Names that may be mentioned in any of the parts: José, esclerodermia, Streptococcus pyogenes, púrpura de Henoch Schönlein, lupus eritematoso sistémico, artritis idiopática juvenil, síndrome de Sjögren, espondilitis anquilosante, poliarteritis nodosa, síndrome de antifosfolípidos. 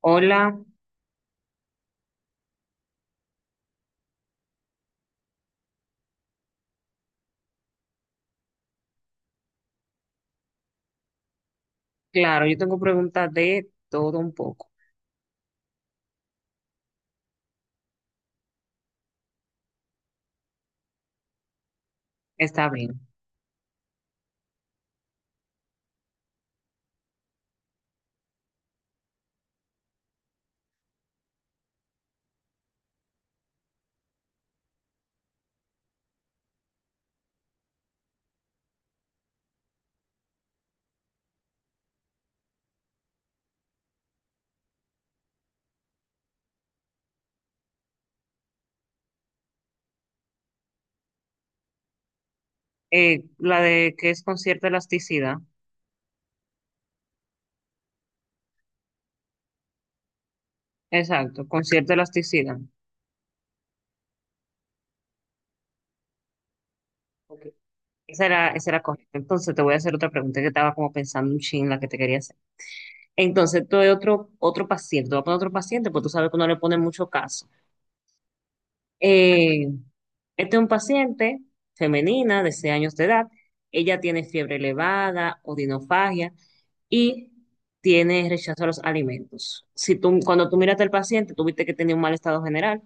Hola, claro, yo tengo preguntas de todo un poco. Está bien. La de qué es con cierta elasticidad. Exacto, con cierta elasticidad. Ok. Esa era correcta. Entonces te voy a hacer otra pregunta que estaba como pensando un chin la que te quería hacer. Entonces, tú de otro paciente, te voy a poner otro paciente, porque tú sabes que no le ponen mucho caso. Eh, este es un paciente femenina de 6 años de edad. Ella tiene fiebre elevada, odinofagia y tiene rechazo a los alimentos. Si tú, cuando tú miraste al paciente, tuviste que tenía un mal estado general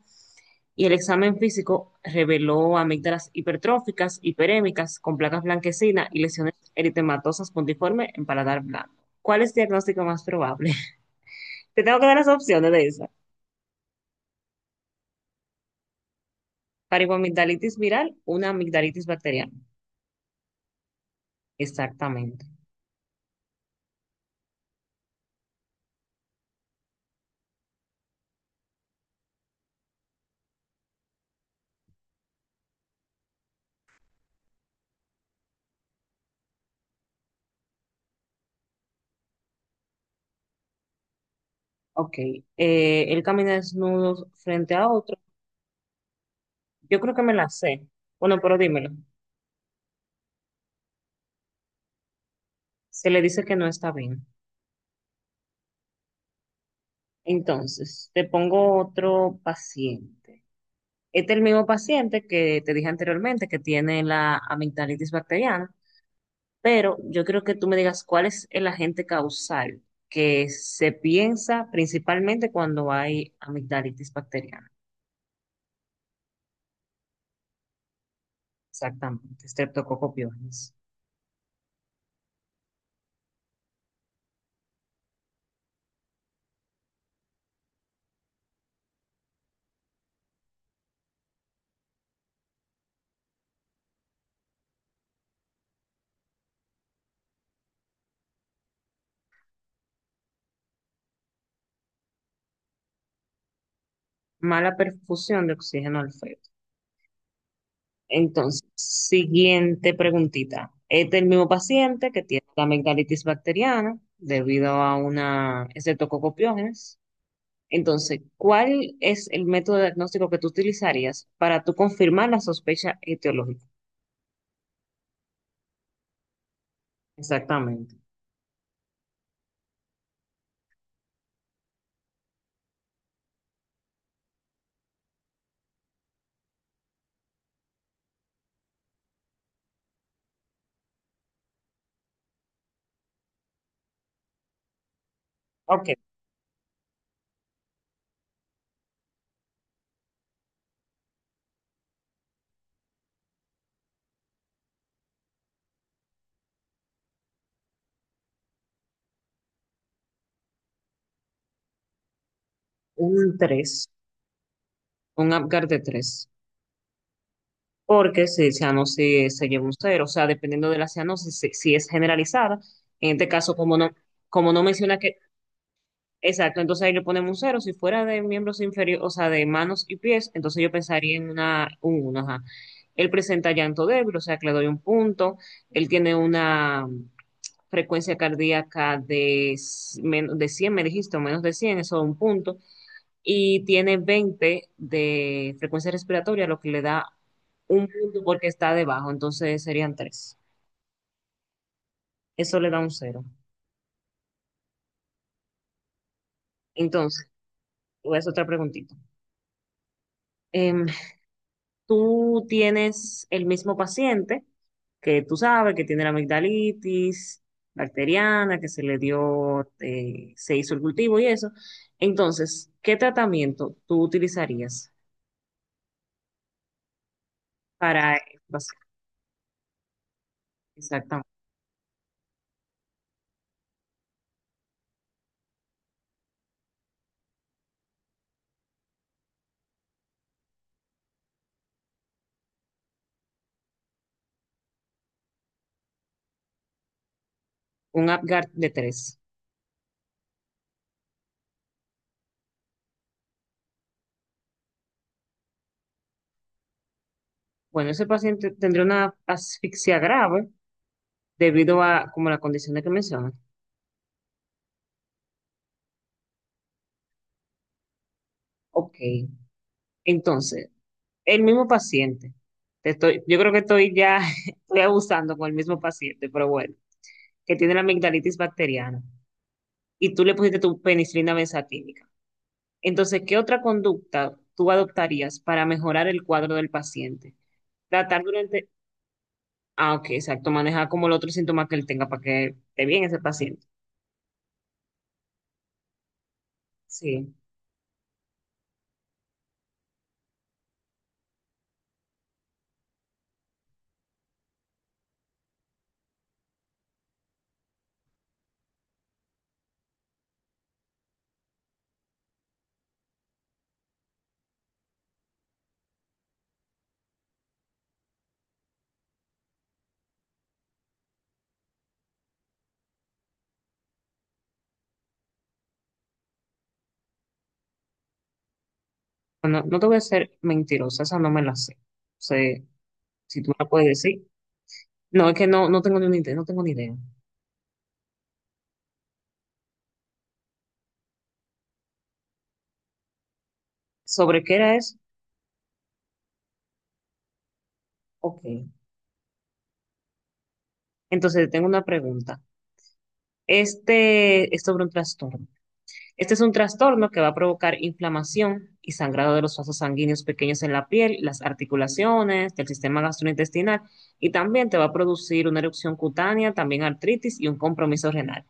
y el examen físico reveló amígdalas hipertróficas, hiperémicas, con placas blanquecinas y lesiones eritematosas puntiformes en paladar blanco. ¿Cuál es el diagnóstico más probable? Te tengo que dar las opciones de esa. Faringoamigdalitis viral, una amigdalitis bacteriana. Exactamente. Ok. Él camina desnudo frente a otro. Yo creo que me la sé. Bueno, pero dímelo. Se le dice que no está bien. Entonces, te pongo otro paciente. Este es el mismo paciente que te dije anteriormente que tiene la amigdalitis bacteriana, pero yo creo que tú me digas cuál es el agente causal que se piensa principalmente cuando hay amigdalitis bacteriana. Exactamente, Streptococcus pyogenes. Mala perfusión de oxígeno al feto. Entonces, siguiente preguntita. Este es el mismo paciente que tiene la amigdalitis bacteriana debido a una estreptococcus. Entonces, ¿cuál es el método diagnóstico que tú utilizarías para tú confirmar la sospecha etiológica? Exactamente. Ok, un tres, un Apgar de tres. Porque si cianosis se lleva un cero, o sea, dependiendo de la cianosis, si, si es generalizada, en este caso, como no menciona que, exacto, entonces ahí le ponemos un cero. Si fuera de miembros inferiores, o sea, de manos y pies, entonces yo pensaría en un 1, ajá. Él presenta llanto débil, o sea, que le doy un punto. Él tiene una frecuencia cardíaca de 100 me dijiste, o menos de 100, eso es un punto, y tiene 20 de frecuencia respiratoria, lo que le da un punto porque está debajo, entonces serían tres. Eso le da un cero. Entonces, voy a hacer otra preguntita. Em, Tú tienes el mismo paciente que tú sabes que tiene la amigdalitis bacteriana, que se le dio, se hizo el cultivo y eso. Entonces, ¿qué tratamiento tú utilizarías? Para el. Exactamente. Un Apgar de tres. Bueno, ese paciente tendría una asfixia grave debido a como la condición de que mencionas. Ok. Entonces, el mismo paciente. Te estoy, yo creo que estoy ya estoy abusando con el mismo paciente, pero bueno, que tiene la amigdalitis bacteriana y tú le pusiste tu penicilina benzatínica. Entonces, ¿qué otra conducta tú adoptarías para mejorar el cuadro del paciente? Tratar durante. Ah, ok, exacto. Maneja como el otro síntoma que él tenga para que esté bien ese paciente. Sí. Bueno, no te voy a ser mentirosa, esa no me la sé. O sea, si tú me la puedes decir. No, es que no, no tengo ni una idea, no tengo ni idea. ¿Sobre qué era eso? Ok. Entonces, tengo una pregunta. Este es sobre un trastorno. Este es un trastorno que va a provocar inflamación y sangrado de los vasos sanguíneos pequeños en la piel, las articulaciones, del sistema gastrointestinal y también te va a producir una erupción cutánea, también artritis y un compromiso renal.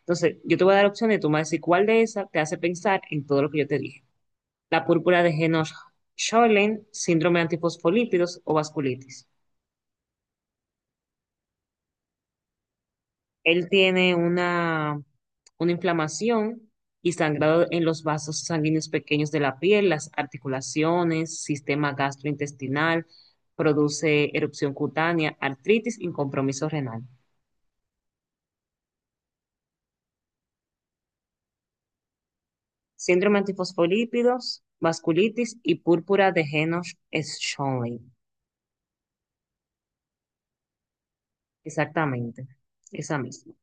Entonces, yo te voy a dar opciones, tú me vas a decir cuál de esas te hace pensar en todo lo que yo te dije. La púrpura de henoch Schönlein, síndrome de antifosfolípidos o vasculitis. Él tiene una inflamación y sangrado en los vasos sanguíneos pequeños de la piel, las articulaciones, sistema gastrointestinal, produce erupción cutánea, artritis y compromiso renal. Síndrome de antifosfolípidos, vasculitis y púrpura de henoch Schönlein. Exactamente, esa misma.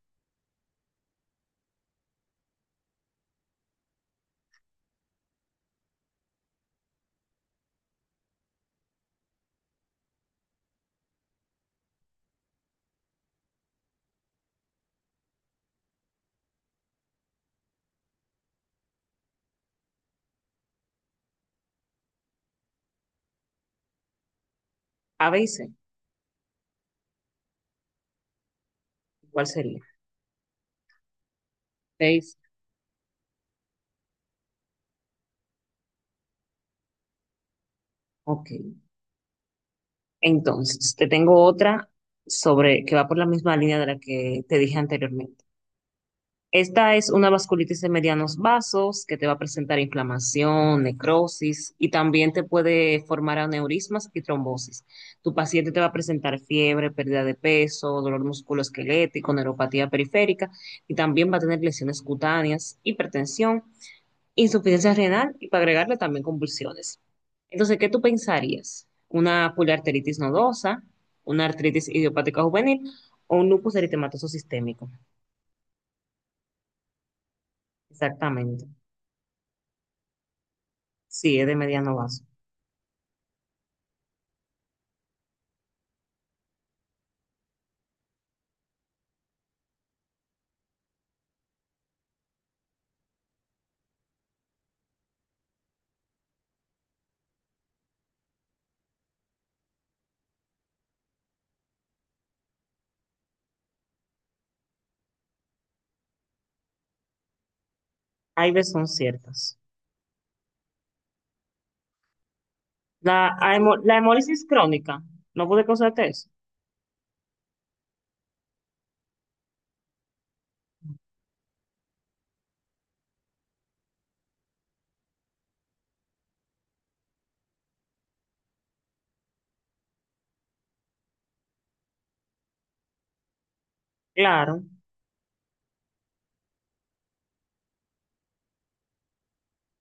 A veces, ¿cuál sería? Seis. Ok. Entonces, te tengo otra sobre que va por la misma línea de la que te dije anteriormente. Esta es una vasculitis de medianos vasos que te va a presentar inflamación, necrosis y también te puede formar aneurismas y trombosis. Tu paciente te va a presentar fiebre, pérdida de peso, dolor musculoesquelético, neuropatía periférica y también va a tener lesiones cutáneas, hipertensión, insuficiencia renal y para agregarle también convulsiones. Entonces, ¿qué tú pensarías? ¿Una poliarteritis nodosa, una artritis idiopática juvenil o un lupus eritematoso sistémico? Exactamente. Sí, es de mediano vaso. Hay veces son ciertas. La, la hemólisis crónica, ¿no puede causarte eso? Claro,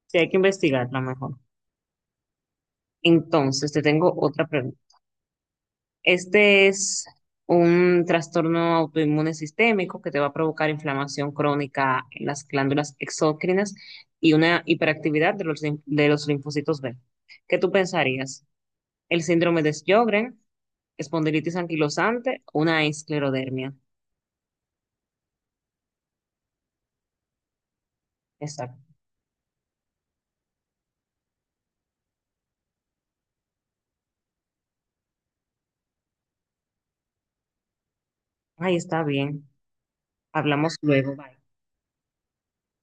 sí hay que investigarla mejor. Entonces, te tengo otra pregunta. Este es un trastorno autoinmune sistémico que te va a provocar inflamación crónica en las glándulas exócrinas y una hiperactividad de de los linfocitos B. ¿Qué tú pensarías? ¿El síndrome de Sjögren, espondilitis anquilosante, una esclerodermia? Exacto. Ahí está bien. Hablamos luego. Bye.